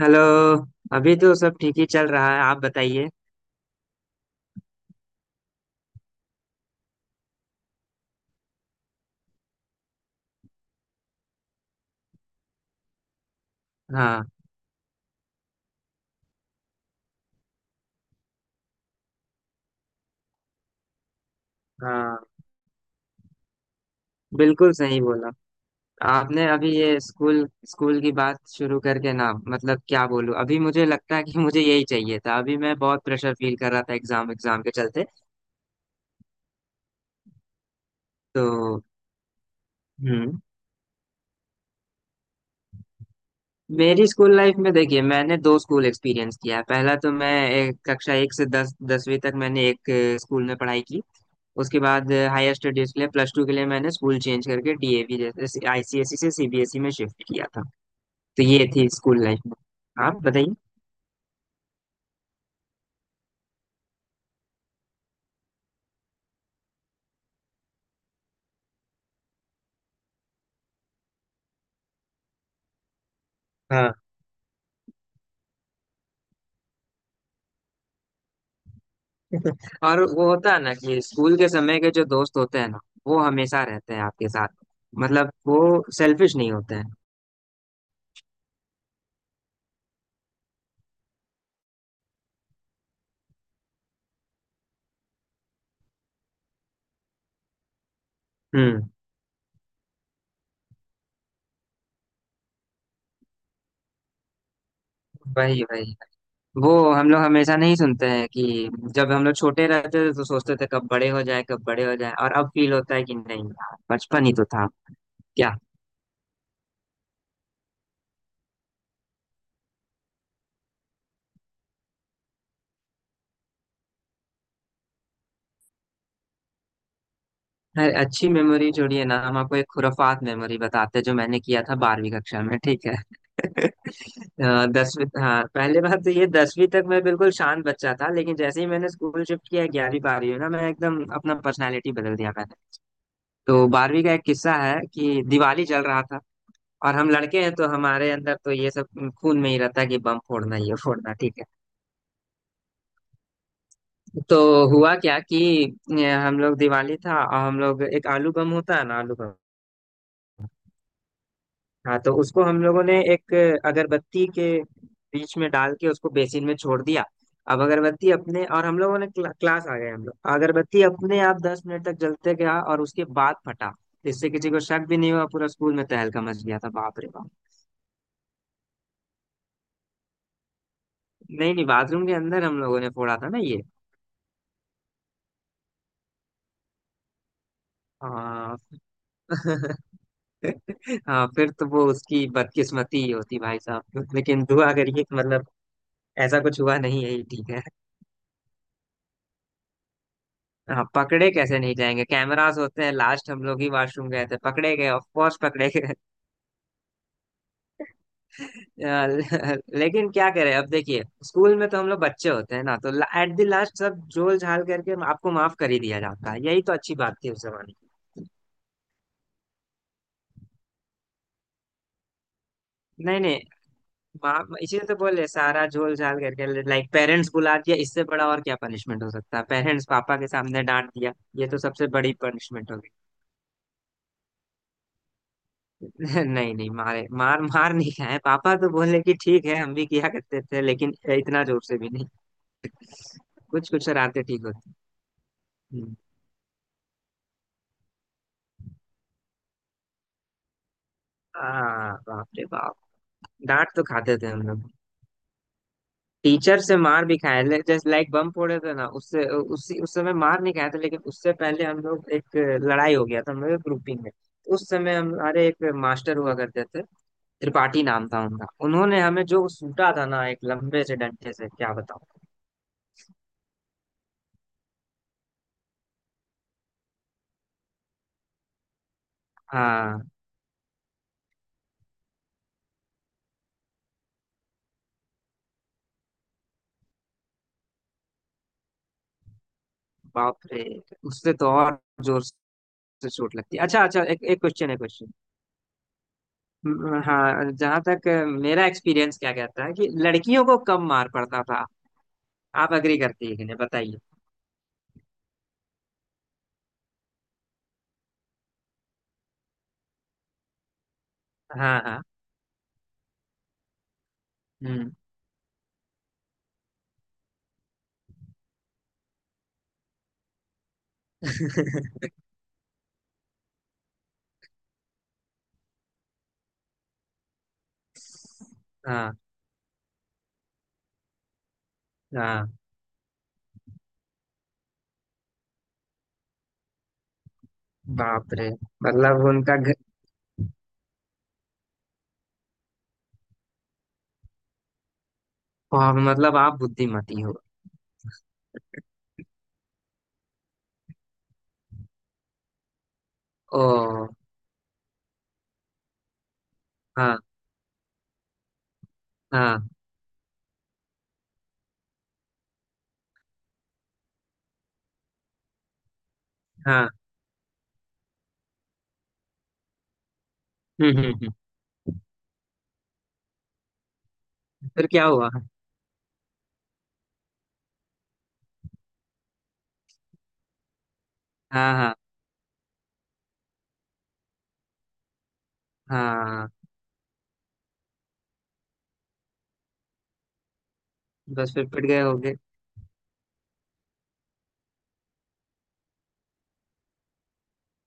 Hello. अभी तो सब ठीक ही चल रहा है, आप बताइए। हाँ। हाँ, बिल्कुल सही बोला। आपने अभी ये स्कूल स्कूल की बात शुरू करके ना, मतलब क्या बोलूँ, अभी मुझे लगता है कि मुझे यही चाहिए था। अभी मैं बहुत प्रेशर फील कर रहा था एग्जाम एग्जाम के चलते। तो हम्म मेरी स्कूल लाइफ में देखिए, मैंने दो स्कूल एक्सपीरियंस किया है। पहला तो मैं एक, कक्षा एक से दस दसवीं तक मैंने एक स्कूल में पढ़ाई की। उसके बाद हायर स्टडीज के लिए, प्लस टू के लिए मैंने स्कूल चेंज करके डीएवी, जैसे आईसीएसई से सीबीएसई में शिफ्ट किया था। तो ये थी स्कूल लाइफ, में आप बताइए। हाँ। और वो होता है ना कि स्कूल के समय के जो दोस्त होते हैं ना, वो हमेशा रहते हैं आपके साथ। मतलब वो सेल्फिश नहीं होते हैं। हम्म। वही वही। वो हम लोग हमेशा नहीं सुनते हैं कि जब हम लोग छोटे रहते थे तो सोचते थे कब बड़े हो जाए, कब बड़े हो जाए। और अब फील होता है कि नहीं यार, बचपन ही तो था क्या। अरे, अच्छी मेमोरी जोड़िए ना, हम आपको एक खुराफात मेमोरी बताते हैं जो मैंने किया था 12वीं कक्षा में, ठीक है। दसवीं, हाँ, पहले बात तो ये, 10वीं तक मैं बिल्कुल शांत बच्चा था लेकिन जैसे ही मैंने स्कूल शिफ्ट किया 11वीं 12वीं में ना, मैं एकदम अपना पर्सनालिटी बदल दिया मैंने। तो 12वीं का एक किस्सा है कि दिवाली जल रहा था और हम लड़के हैं तो हमारे अंदर तो ये सब खून में ही रहता है कि बम फोड़ना ये फोड़ना, ठीक है। तो हुआ क्या कि हम लोग, दिवाली था और हम लोग एक आलू बम होता है ना, आलू बम। हाँ, तो उसको हम लोगों ने एक अगरबत्ती के बीच में डाल के उसको बेसिन में छोड़ दिया। अब अगरबत्ती अपने और हम लोगों ने क्लास आ गए हम लोग, अगरबत्ती अपने आप 10 मिनट तक जलते गया और उसके बाद फटा। इससे किसी को शक भी नहीं हुआ। पूरा स्कूल में तहलका मच गया था, बाप रे बाप। नहीं नहीं, बाथरूम के अंदर हम लोगों ने फोड़ा था ना ये। हाँ। हाँ, फिर तो वो उसकी बदकिस्मती ही होती भाई साहब, लेकिन दुआ करिए कि मतलब ऐसा कुछ हुआ नहीं है ये, ठीक है। हाँ, पकड़े कैसे नहीं जाएंगे, कैमरास होते हैं, लास्ट हम लोग ही वॉशरूम गए थे, पकड़े गए, ऑफ कोर्स पकड़े गए। लेकिन क्या करें, अब देखिए स्कूल में तो हम लोग बच्चे होते हैं ना, तो एट द लास्ट सब झोल झाल करके आपको माफ कर ही दिया जाता है, यही तो अच्छी बात थी उस जमाने की। नहीं नहीं, माफ इसीलिए तो बोले, सारा झोल झाल करके, लाइक पेरेंट्स बुला दिया, इससे बड़ा और क्या पनिशमेंट हो सकता है, पेरेंट्स पापा के सामने डांट दिया। ये तो सबसे बड़ी पनिशमेंट। नहीं नहीं, मार नहीं खाए, पापा तो बोले कि ठीक है हम भी किया करते थे लेकिन इतना जोर से भी नहीं। कुछ कुछ शरारते ठीक होती। हम्म। हाँ बाप रे बाप, डांट तो खाते थे हम लोग, टीचर से मार भी खाए। जैसे लाइक बम फोड़े थे ना, उससे उसी उस समय मार नहीं खाए थे, लेकिन उससे पहले हम लोग एक लड़ाई हो गया था हम लोग ग्रुपिंग में। उस समय हमारे एक मास्टर हुआ करते थे, त्रिपाठी नाम था उनका, उन्होंने हमें जो सूटा था ना एक लंबे से डंडे से क्या बताऊं। हाँ बाप रे, उससे तो और जोर से चोट लगती है। अच्छा अच्छा, एक एक क्वेश्चन है, क्वेश्चन। हाँ, जहाँ तक मेरा एक्सपीरियंस क्या कहता है कि लड़कियों को कम मार पड़ता था। आप अग्री करती है कि नहीं बताइए। हाँ हाँ। हम्म। हाँ हाँ, बाप रे, मतलब उनका घ... वाह, मतलब आप बुद्धिमती हो। ओ, हाँ हाँ हाँ, हम्म हम्म हम्म। फिर क्या हुआ। हाँ हाँ हाँ, बस फिर पिट गए होगे।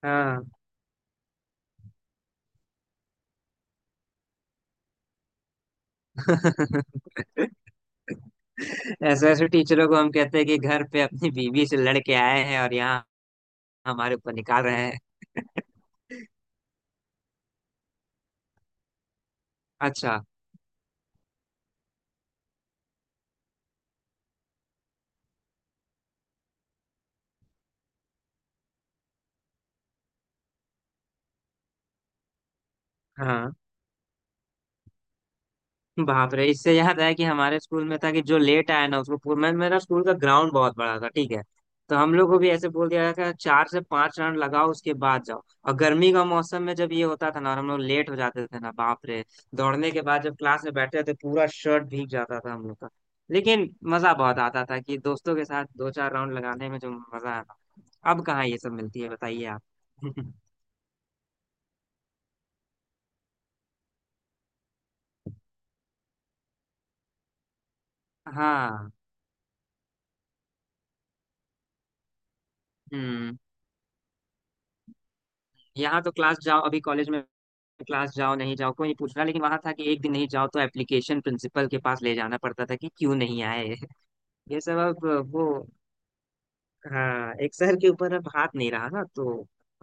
हाँ, ऐसे ऐसे टीचरों को हम कहते हैं कि घर पे अपनी बीवी से लड़के आए हैं और यहाँ हमारे ऊपर निकाल रहे हैं। अच्छा। हाँ बाप रे, इससे याद आया कि हमारे स्कूल में था कि जो लेट आया ना उसको पूरा, मैं, मेरा स्कूल का ग्राउंड बहुत बड़ा था ठीक है, तो हम लोग को भी ऐसे बोल दिया था चार से पांच राउंड लगाओ उसके बाद जाओ। और गर्मी का मौसम में जब ये होता था ना और हम लोग लेट हो जाते थे ना, बाप रे, दौड़ने के बाद जब क्लास में बैठते थे पूरा शर्ट भीग जाता था हम लोग का। लेकिन मजा बहुत आता था कि दोस्तों के साथ दो चार राउंड लगाने में जो मजा आया। अब कहाँ ये सब मिलती है, बताइए आप। हाँ। हम्म। यहाँ तो क्लास जाओ अभी कॉलेज में, क्लास जाओ नहीं जाओ कोई नहीं पूछ रहा, लेकिन वहां था कि एक दिन नहीं जाओ तो एप्लीकेशन प्रिंसिपल के पास ले जाना पड़ता था कि क्यों नहीं आए। ये सब अब वो हाँ, एक शहर के ऊपर अब हाथ नहीं रहा ना तो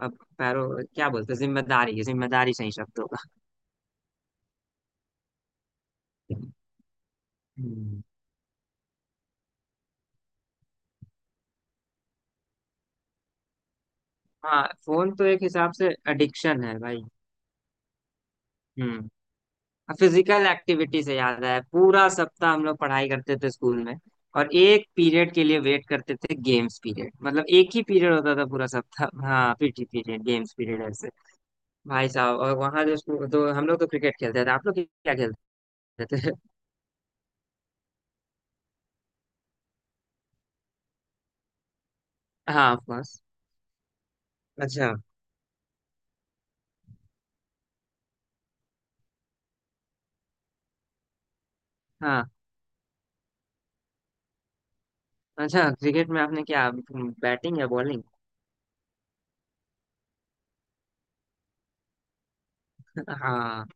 अब पैरों, क्या बोलते हैं, जिम्मेदारी है, जिम्मेदारी सही शब्द होगा। हम्म। हाँ, फोन तो एक हिसाब से एडिक्शन है भाई। हम्म फिजिकल एक्टिविटी से याद आया, पूरा सप्ताह हम लोग पढ़ाई करते थे स्कूल में, और एक पीरियड के लिए वेट करते थे गेम्स पीरियड, मतलब एक ही पीरियड होता था पूरा सप्ताह, हाँ पीटी पीरियड गेम्स पीरियड ऐसे भाई साहब। और वहां जो स्कूल, तो हम लोग तो क्रिकेट खेलते थे, आप लोग क्या खेलते थे। हाँ ऑफ कोर्स, अच्छा, हाँ अच्छा। क्रिकेट में आपने क्या, बैटिंग या बॉलिंग। हाँ,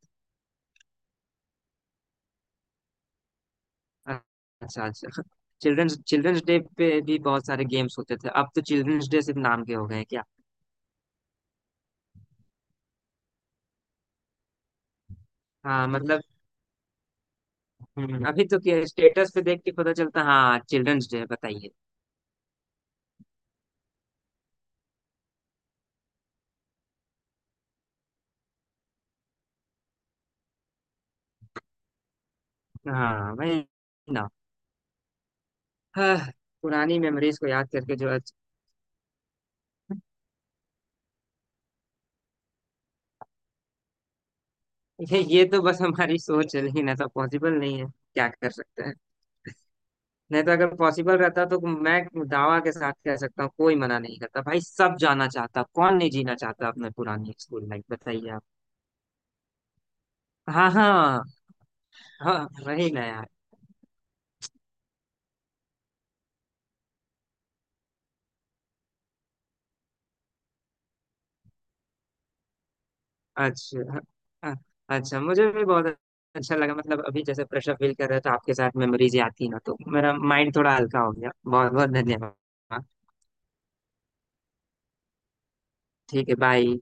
अच्छा अच्छा। चिल्ड्रंस चिल्ड्रंस डे पे भी बहुत सारे गेम्स होते थे, अब तो चिल्ड्रंस डे सिर्फ नाम के हो गए हैं क्या। हाँ मतलब, अभी तो क्या स्टेटस पे देख के पता चलता, हाँ चिल्ड्रंस डे, बताइए। हाँ वही ना। हाँ, पुरानी मेमोरीज को याद करके जो अच्छा। ये तो बस हमारी सोच है लेकिन ऐसा पॉसिबल नहीं है, क्या कर सकते हैं। नहीं तो अगर पॉसिबल रहता तो मैं दावा के साथ कह सकता हूँ कोई मना नहीं करता भाई, सब जाना चाहता, कौन नहीं जीना चाहता अपने पुरानी स्कूल लाइफ, बताइए आप। हाँ हाँ। हाँ वही ना यार। अच्छा। हाँ, अच्छा मुझे भी बहुत अच्छा लगा, मतलब अभी जैसे प्रेशर फील कर रहे हो, तो आपके साथ मेमोरीज आती ना तो मेरा माइंड थोड़ा हल्का हो गया, बहुत बहुत धन्यवाद। ठीक है बाय।